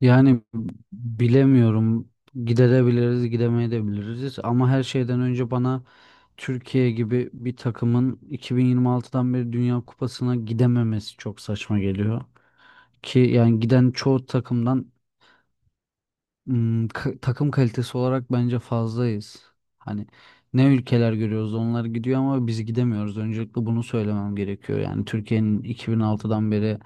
Yani bilemiyorum. Gidebiliriz, gidemeyebiliriz ama her şeyden önce bana Türkiye gibi bir takımın 2026'dan beri Dünya Kupası'na gidememesi çok saçma geliyor. Ki yani giden çoğu takımdan takım kalitesi olarak bence fazlayız. Hani ne ülkeler görüyoruz onlar gidiyor ama biz gidemiyoruz. Öncelikle bunu söylemem gerekiyor. Yani Türkiye'nin 2006'dan beri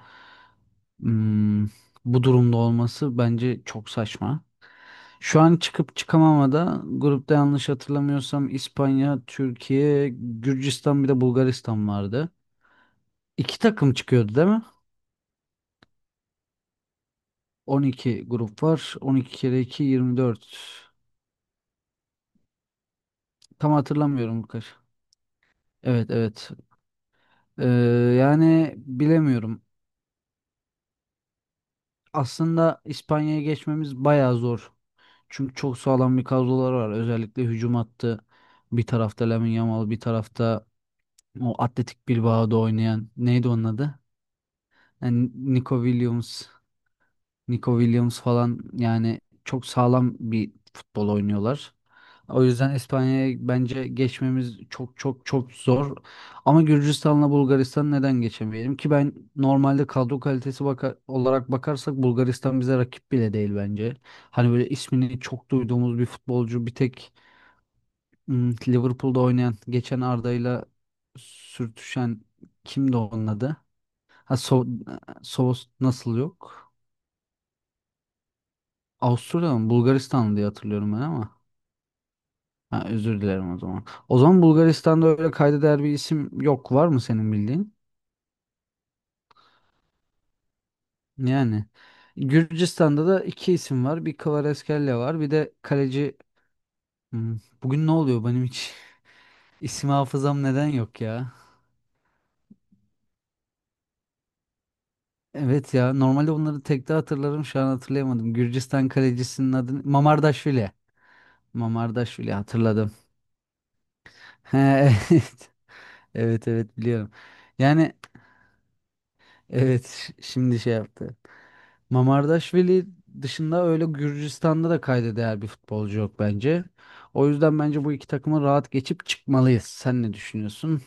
ım, bu durumda olması bence çok saçma. Şu an çıkıp çıkamamada grupta yanlış hatırlamıyorsam İspanya, Türkiye, Gürcistan bir de Bulgaristan vardı. İki takım çıkıyordu değil mi? 12 grup var. 12 kere 2 24. Tam hatırlamıyorum bu kaç. Evet, evet. Ee, yani bilemiyorum. Aslında İspanya'ya geçmemiz bayağı zor. Çünkü çok sağlam bir kadroları var. Özellikle hücum hattı. Bir tarafta Lamine Yamal, bir tarafta o Atletik Bilbao'da oynayan neydi onun adı? Yani Nico Williams, Nico Williams falan yani çok sağlam bir futbol oynuyorlar. O yüzden İspanya'ya bence geçmemiz çok çok çok zor. Ama Gürcistan'la Bulgaristan neden geçemeyelim ki ben normalde kadro kalitesi olarak bakarsak Bulgaristan bize rakip bile değil bence. Hani böyle ismini çok duyduğumuz bir futbolcu bir tek Liverpool'da oynayan geçen Arda'yla sürtüşen kimdi onun adı? Ha, Sovos nasıl yok? Avusturya mı? Bulgaristan diye hatırlıyorum ben ama. Ha, özür dilerim o zaman. O zaman Bulgaristan'da öyle kayda değer bir isim yok. Var mı senin bildiğin? Yani. Gürcistan'da da iki isim var. Bir Kvaratskhelia var. Bir de kaleci... Bugün ne oluyor benim hiç? İsim hafızam neden yok ya? Evet ya. Normalde bunları tek de hatırlarım. Şu an hatırlayamadım. Gürcistan kalecisinin adı... Mamardaşvili. Mamardaşvili hatırladım. He, evet. Evet, evet, biliyorum. Yani evet, şimdi şey yaptı. Mamardaşvili dışında öyle Gürcistan'da da kayda değer bir futbolcu yok bence. O yüzden bence bu iki takımı rahat geçip çıkmalıyız. Sen ne düşünüyorsun?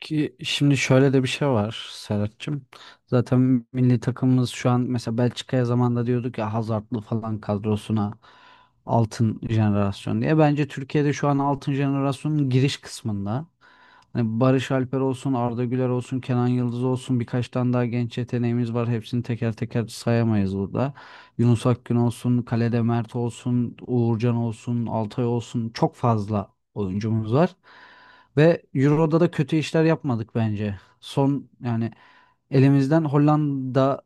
Ki şimdi şöyle de bir şey var Serhat'cığım. Zaten milli takımımız şu an mesela Belçika'ya zamanında diyorduk ya Hazard'lı falan kadrosuna altın jenerasyon diye. Bence Türkiye'de şu an altın jenerasyonun giriş kısmında. Hani Barış Alper olsun, Arda Güler olsun, Kenan Yıldız olsun birkaç tane daha genç yeteneğimiz var. Hepsini teker teker sayamayız burada. Yunus Akgün olsun, kalede Mert olsun, Uğurcan olsun, Altay olsun çok fazla oyuncumuz var. Ve Euro'da da kötü işler yapmadık bence. Son yani elimizden Hollanda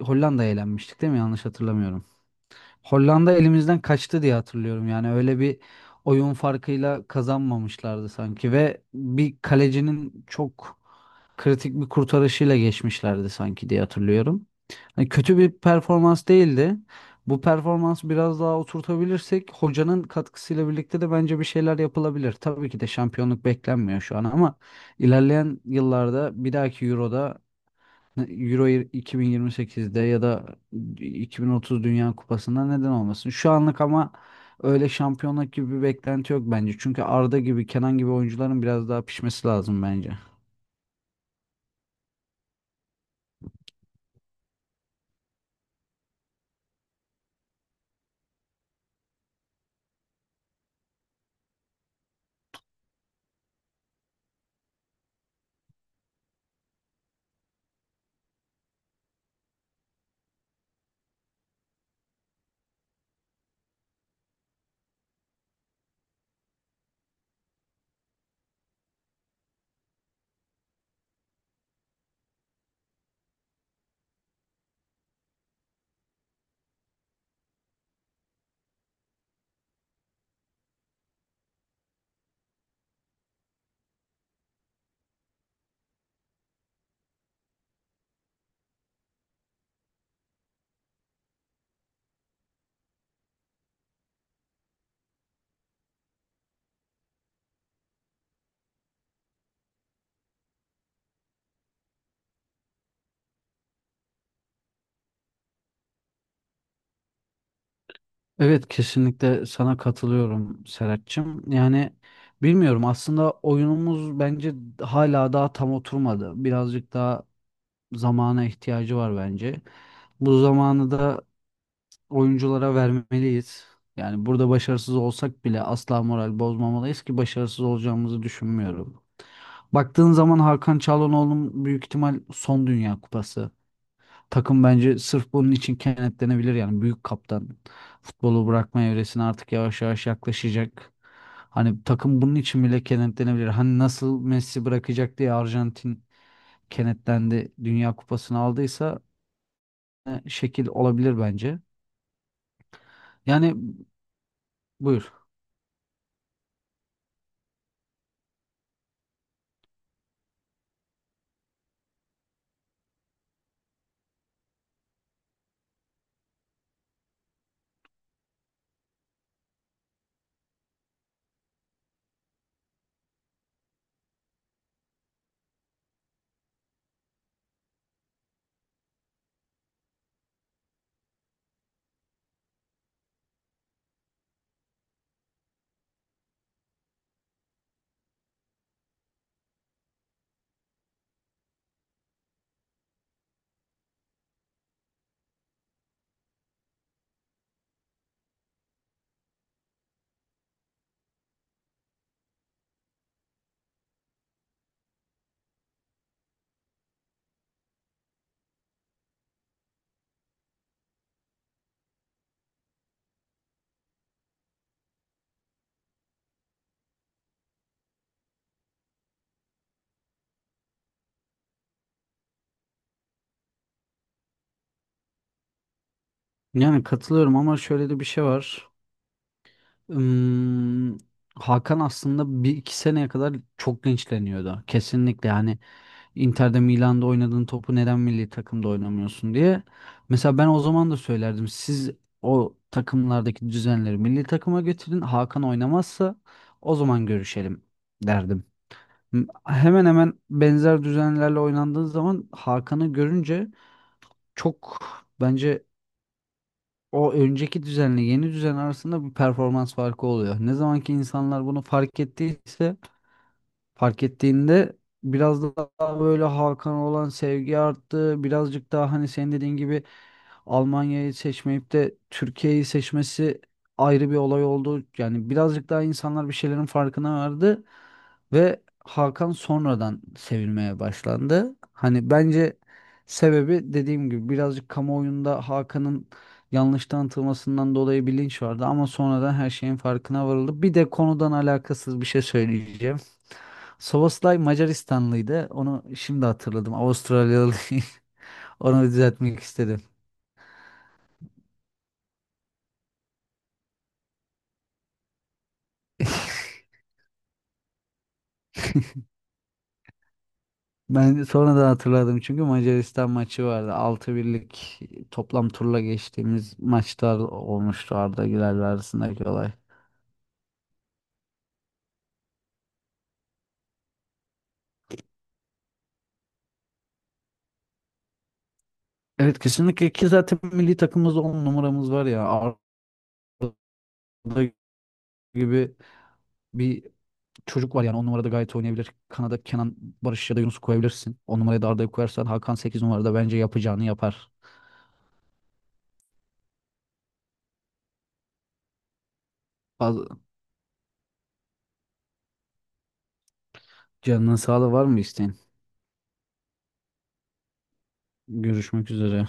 Hollanda'ya elenmiştik değil mi? Yanlış hatırlamıyorum. Hollanda elimizden kaçtı diye hatırlıyorum. Yani öyle bir oyun farkıyla kazanmamışlardı sanki ve bir kalecinin çok kritik bir kurtarışıyla geçmişlerdi sanki diye hatırlıyorum. Hani kötü bir performans değildi. Bu performansı biraz daha oturtabilirsek hocanın katkısıyla birlikte de bence bir şeyler yapılabilir. Tabii ki de şampiyonluk beklenmiyor şu an ama ilerleyen yıllarda bir dahaki Euro'da, Euro 2028'de ya da 2030 Dünya Kupası'nda neden olmasın? Şu anlık ama öyle şampiyonluk gibi bir beklenti yok bence. Çünkü Arda gibi, Kenan gibi oyuncuların biraz daha pişmesi lazım bence. Evet, kesinlikle sana katılıyorum Serhat'cığım. Yani bilmiyorum, aslında oyunumuz bence hala daha tam oturmadı. Birazcık daha zamana ihtiyacı var bence. Bu zamanı da oyunculara vermeliyiz. Yani burada başarısız olsak bile asla moral bozmamalıyız ki başarısız olacağımızı düşünmüyorum. Baktığın zaman Hakan Çalhanoğlu'nun büyük ihtimal son Dünya Kupası. Takım bence sırf bunun için kenetlenebilir yani büyük kaptan. Futbolu bırakma evresine artık yavaş yavaş yaklaşacak. Hani takım bunun için bile kenetlenebilir. Hani nasıl Messi bırakacak diye Arjantin kenetlendi Dünya Kupası'nı aldıysa şekil olabilir bence. Yani buyur. Yani katılıyorum ama şöyle de bir şey var. Hmm, Hakan aslında bir iki seneye kadar çok gençleniyordu. Kesinlikle yani Inter'de, Milan'da oynadığın topu neden milli takımda oynamıyorsun diye. Mesela ben o zaman da söylerdim. Siz o takımlardaki düzenleri milli takıma getirin. Hakan oynamazsa o zaman görüşelim derdim. Hemen hemen benzer düzenlerle oynandığı zaman Hakan'ı görünce çok bence o önceki düzenle yeni düzen arasında bir performans farkı oluyor. Ne zaman ki insanlar bunu fark ettiyse, fark ettiğinde biraz daha böyle Hakan'a olan sevgi arttı. Birazcık daha hani senin dediğin gibi Almanya'yı seçmeyip de Türkiye'yi seçmesi ayrı bir olay oldu. Yani birazcık daha insanlar bir şeylerin farkına vardı ve Hakan sonradan sevilmeye başlandı. Hani bence sebebi dediğim gibi birazcık kamuoyunda Hakan'ın yanlış tanıtılmasından dolayı bilinç vardı ama sonradan her şeyin farkına varıldı. Bir de konudan alakasız bir şey söyleyeceğim. Szoboszlay Macaristanlıydı. Onu şimdi hatırladım. Avustralyalı. Onu düzeltmek istedim. Ben sonradan hatırladım çünkü Macaristan maçı vardı. 6-1'lik toplam turla geçtiğimiz maçlar olmuştu Arda Güler'le arasındaki olay. Evet, kesinlikle ki zaten milli takımımızda 10 numaramız var ya. Arda gibi bir çocuk var yani 10 numarada gayet oynayabilir. Kanada Kenan, Barış ya da Yunus koyabilirsin. 10 numaraya da Arda'yı koyarsan Hakan 8 numarada bence yapacağını yapar. Bazı canının sağlığı var mı isteğin? Görüşmek üzere.